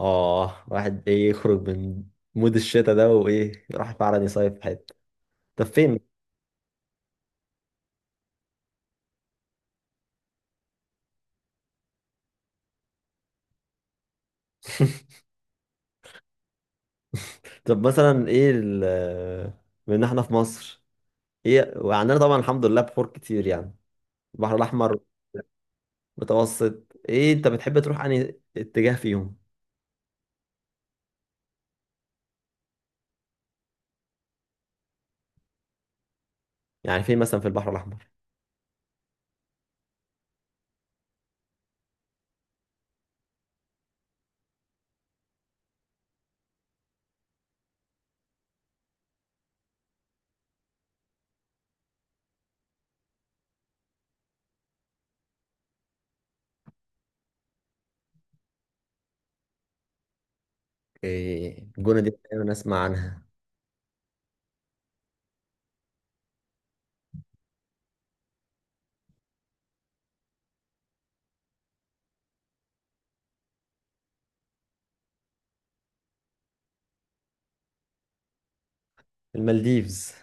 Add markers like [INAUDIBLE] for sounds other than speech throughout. اه، واحد ايه يخرج من مود الشتاء ده وايه يروح فعلا يصيف في حته. طب فين؟ [LAUGHS] طب مثلا ايه بما ان احنا في مصر، ايه وعندنا طبعا الحمد لله بحور كتير يعني. البحر الاحمر متوسط، ايه انت بتحب تروح انهي اتجاه فيهم؟ يعني فين مثلا في البحر الاحمر؟ إيه الجونه دي، دايما اسمع عنها. المالديفز؟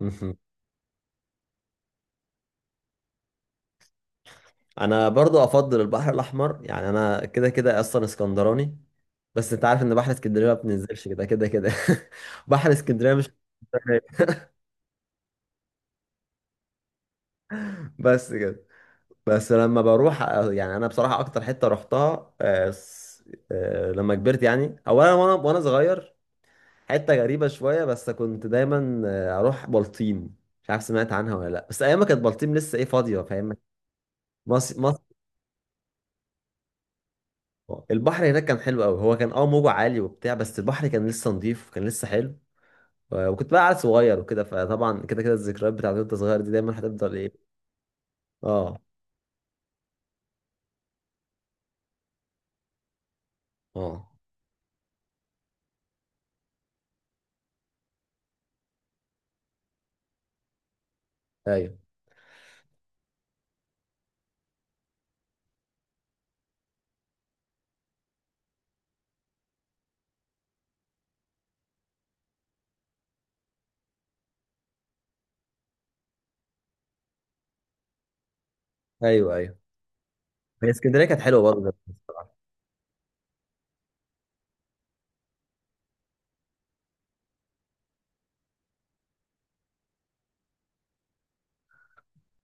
[LAUGHS] انا برضو افضل البحر الاحمر، يعني انا كده كده اصلا اسكندراني. بس انت عارف ان بحر اسكندريه ما بننزلش كده كده كده. [LAUGHS] بحر اسكندريه مش… [LAUGHS] بس كده. بس لما بروح، يعني انا بصراحه اكتر حته رحتها لما كبرت يعني اولا، وانا صغير، حته غريبه شويه، بس كنت دايما اروح بلطيم. مش عارف سمعت عنها ولا لا، بس ايام ما كانت بلطيم لسه ايه، فاضيه فاهم. مصر مصر. البحر هناك كان حلو قوي، هو كان اه موجه عالي وبتاع، بس البحر كان لسه نظيف وكان لسه حلو. وكنت بقى عيل صغير وكده، فطبعا كده كده الذكريات بتاعت وانت صغير دي دايما هتفضل ايه. اه. اه. ايوه، ايوه، ايوه. هي اسكندريه كانت حلوه برضه. بصراحة.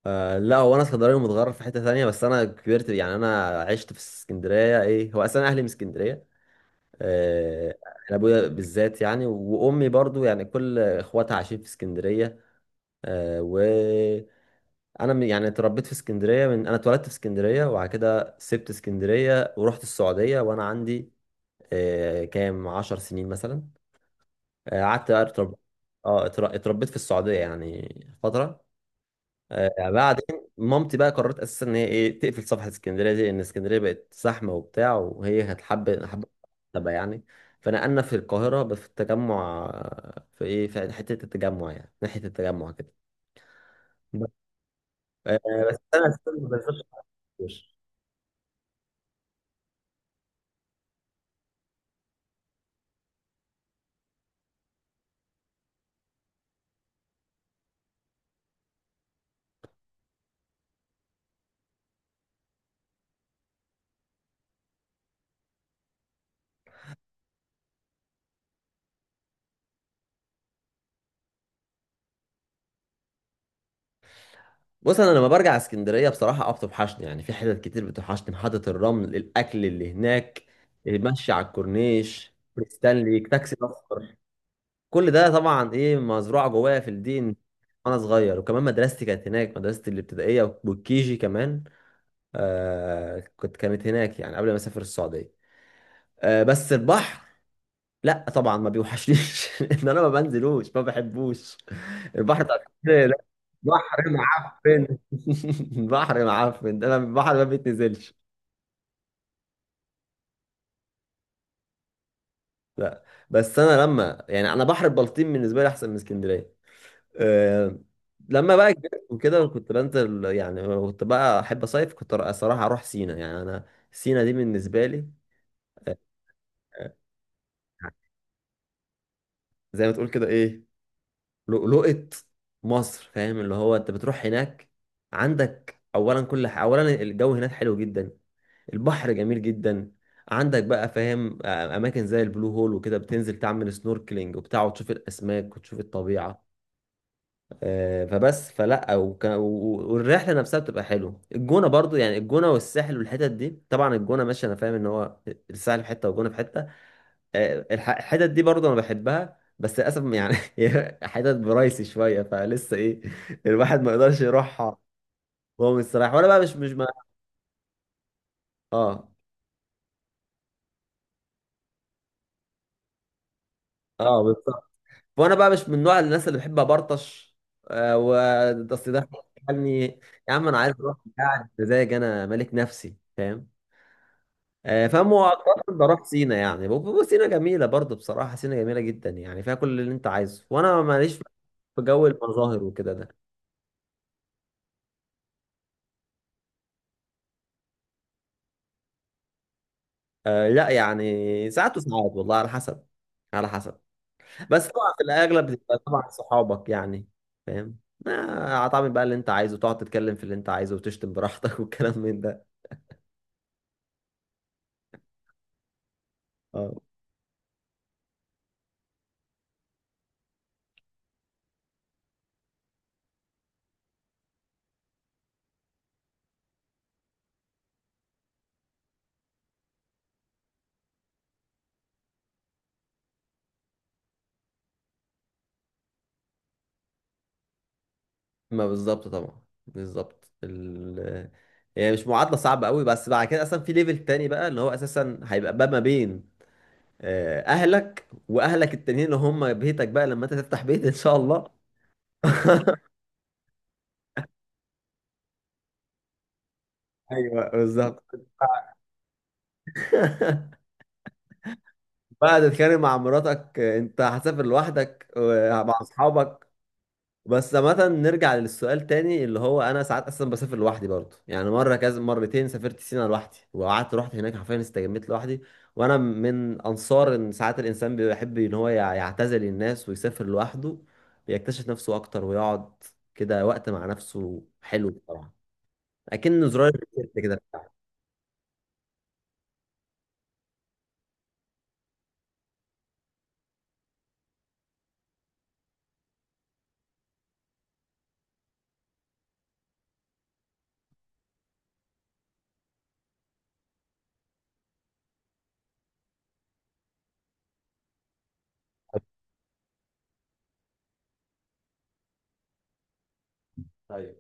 آه، لا هو انا اسكندراني متغرب في حته ثانيه، بس انا كبرت، يعني انا عشت في اسكندريه، ايه هو اصلا اهلي من اسكندريه. آه. انا ابويا بالذات يعني، وامي برضو يعني كل اخواتها عايشين في اسكندريه. آه، وانا يعني اتربيت في اسكندريه، من انا اتولدت في اسكندريه، وبعد كده سبت اسكندريه ورحت السعوديه وانا عندي كام 10 سنين مثلا. قعدت بقى أترب… اه اتربيت في السعودية يعني فترة. بعدين مامتي بقى قررت اساسا ان هي ايه تقفل صفحة اسكندرية دي، لان اسكندرية بقت زحمة وبتاع، وهي كانت حابة تبقى يعني، فنقلنا في القاهرة، بس في التجمع، في ايه، في حتة التجمع يعني ناحية التجمع كده. آه، بس انا أساساً ما بنزلش. بص، انا لما برجع اسكندريه بصراحه اه بتوحشني، يعني في حتت كتير بتوحشني: محطه الرمل، الاكل اللي هناك، المشي على الكورنيش، ستانلي، تاكسي اصفر. كل ده طبعا ايه مزروعه جوايا في الدين وانا صغير. وكمان مدرستي كانت هناك، مدرستي الابتدائيه والكيجي كمان. آه، كنت كانت هناك يعني قبل ما اسافر السعوديه. آه، بس البحر لا طبعا ما بيوحشنيش. [LAUGHS] ان انا ما بنزلوش، ما بحبوش البحر بتاع اسكندريه، لا. بحر معفن. [LAUGHS] بحر معفن، انا البحر ما بيتنزلش. لا. بس انا لما يعني انا بحر البلطيم بالنسبه لي احسن من اسكندريه. أه. لما بقى كبرت وكده كنت بنزل، يعني كنت بقى احب اصيف، كنت الصراحه اروح سينا يعني. انا سينا دي بالنسبه لي آه، زي ما تقول كده ايه، لؤلؤة مصر، فاهم اللي هو. انت بتروح هناك، عندك اولا كل ح… اولا الجو هناك حلو جدا، البحر جميل جدا، عندك بقى فاهم اماكن زي البلو هول وكده، بتنزل تعمل سنوركلينج وبتاع وتشوف الاسماك وتشوف الطبيعه. فبس فلا والرحله نفسها بتبقى حلوه. الجونه برضو، يعني الجونه والساحل والحتت دي، طبعا الجونه ماشي انا فاهم ان هو الساحل في حته والجونه في حته. الحتت دي برضه انا بحبها، بس للاسف يعني [LAUGHS] هي حتت برايسي شويه، فلسه ايه الواحد ما يقدرش يروحها وهو مستريح. وانا بقى مش ما… اه. اه بالظبط. وانا بقى مش من نوع الناس اللي بحب ابرطش. آه و اصل ده يعني يا عم انا عايز اروح قاعد مزاج، انا ملك نفسي فاهم. آه، فمؤخرا بروح سينا يعني، سينا جميله برضه بصراحه، سينا جميله جدا يعني، فيها كل اللي انت عايزه، وانا ماليش في جو المظاهر وكده. آه لا يعني ساعات وساعات، والله على حسب، على حسب. بس طبعا في الاغلب بتبقى طبعا صحابك يعني، فاهم. هتعمل بقى اللي انت عايزه، تقعد تتكلم في اللي انت عايزه، وتشتم براحتك. [LAUGHS] والكلام من ده. اه ما بالظبط طبعا. بالظبط ال… يعني مش معادله صعبه قوي. بس بعد كده اصلا في ليفل تاني بقى، اللي هو اساسا هيبقى بقى ما بين اهلك واهلك التانيين اللي هم بيتك بقى، لما انت تفتح بيت ان شاء الله. [LAUGHS] ايوه بالظبط. [LAUGHS] بعد تتخانق مع مراتك انت هتسافر لوحدك ومع اصحابك. بس مثلا نرجع للسؤال تاني، اللي هو انا ساعات اصلا بسافر لوحدي برضه، يعني مره كذا، مرتين سافرت سينا لوحدي وقعدت رحت هناك حرفيا استجميت لوحدي. وانا من انصار ان ساعات الانسان بيحب ان هو يعتزل الناس ويسافر لوحده، بيكتشف نفسه اكتر، ويقعد كده وقت مع نفسه حلو بصراحه، اكن زرار الريسيت كده بتاعه. طيب،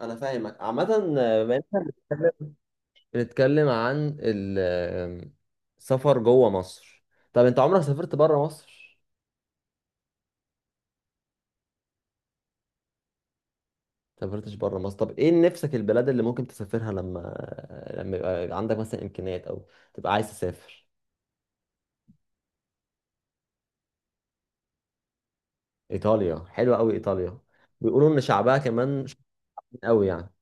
انا فاهمك عامه. بما إننا بنتكلم عن السفر جوه مصر، طب انت عمرك سافرت بره مصر؟ سافرتش بره مصر، طب ايه نفسك البلاد اللي ممكن تسافرها، لما يبقى عندك مثلا امكانيات او تبقى عايز تسافر؟ ايطاليا حلوه قوي ايطاليا، بيقولوا ان شعبها كمان شاطرين قوي يعني،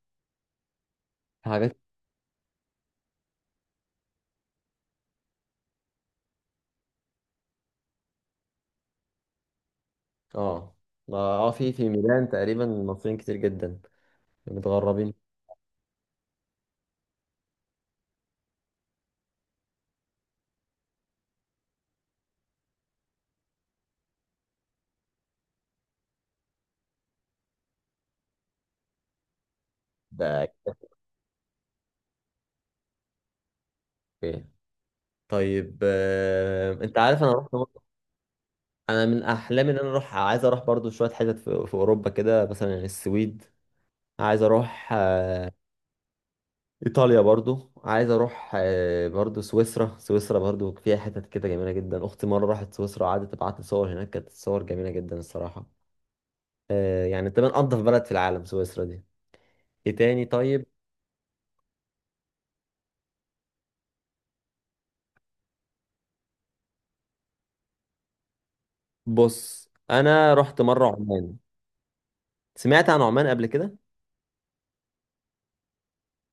في حاجات. اه، ما- اه في في ميلان تقريبا مصريين كتير جدا متغربين بقى. اوكي. طيب، انت عارف انا رحت… انا من احلامي ان انا اروح، عايز اروح برضو شويه حتت في, في اوروبا كده، مثلا السويد، عايز اروح ايطاليا برضو، عايز اروح برضو سويسرا. سويسرا برضو فيها حتت كده جميله جدا. اختي مره راحت سويسرا وقعدت تبعت لي صور، هناك كانت الصور جميله جدا الصراحه. يعني تمام انضف بلد في العالم سويسرا دي. ايه تاني طيب؟ بص انا رحت مره عمان. سمعت عن عمان قبل كده؟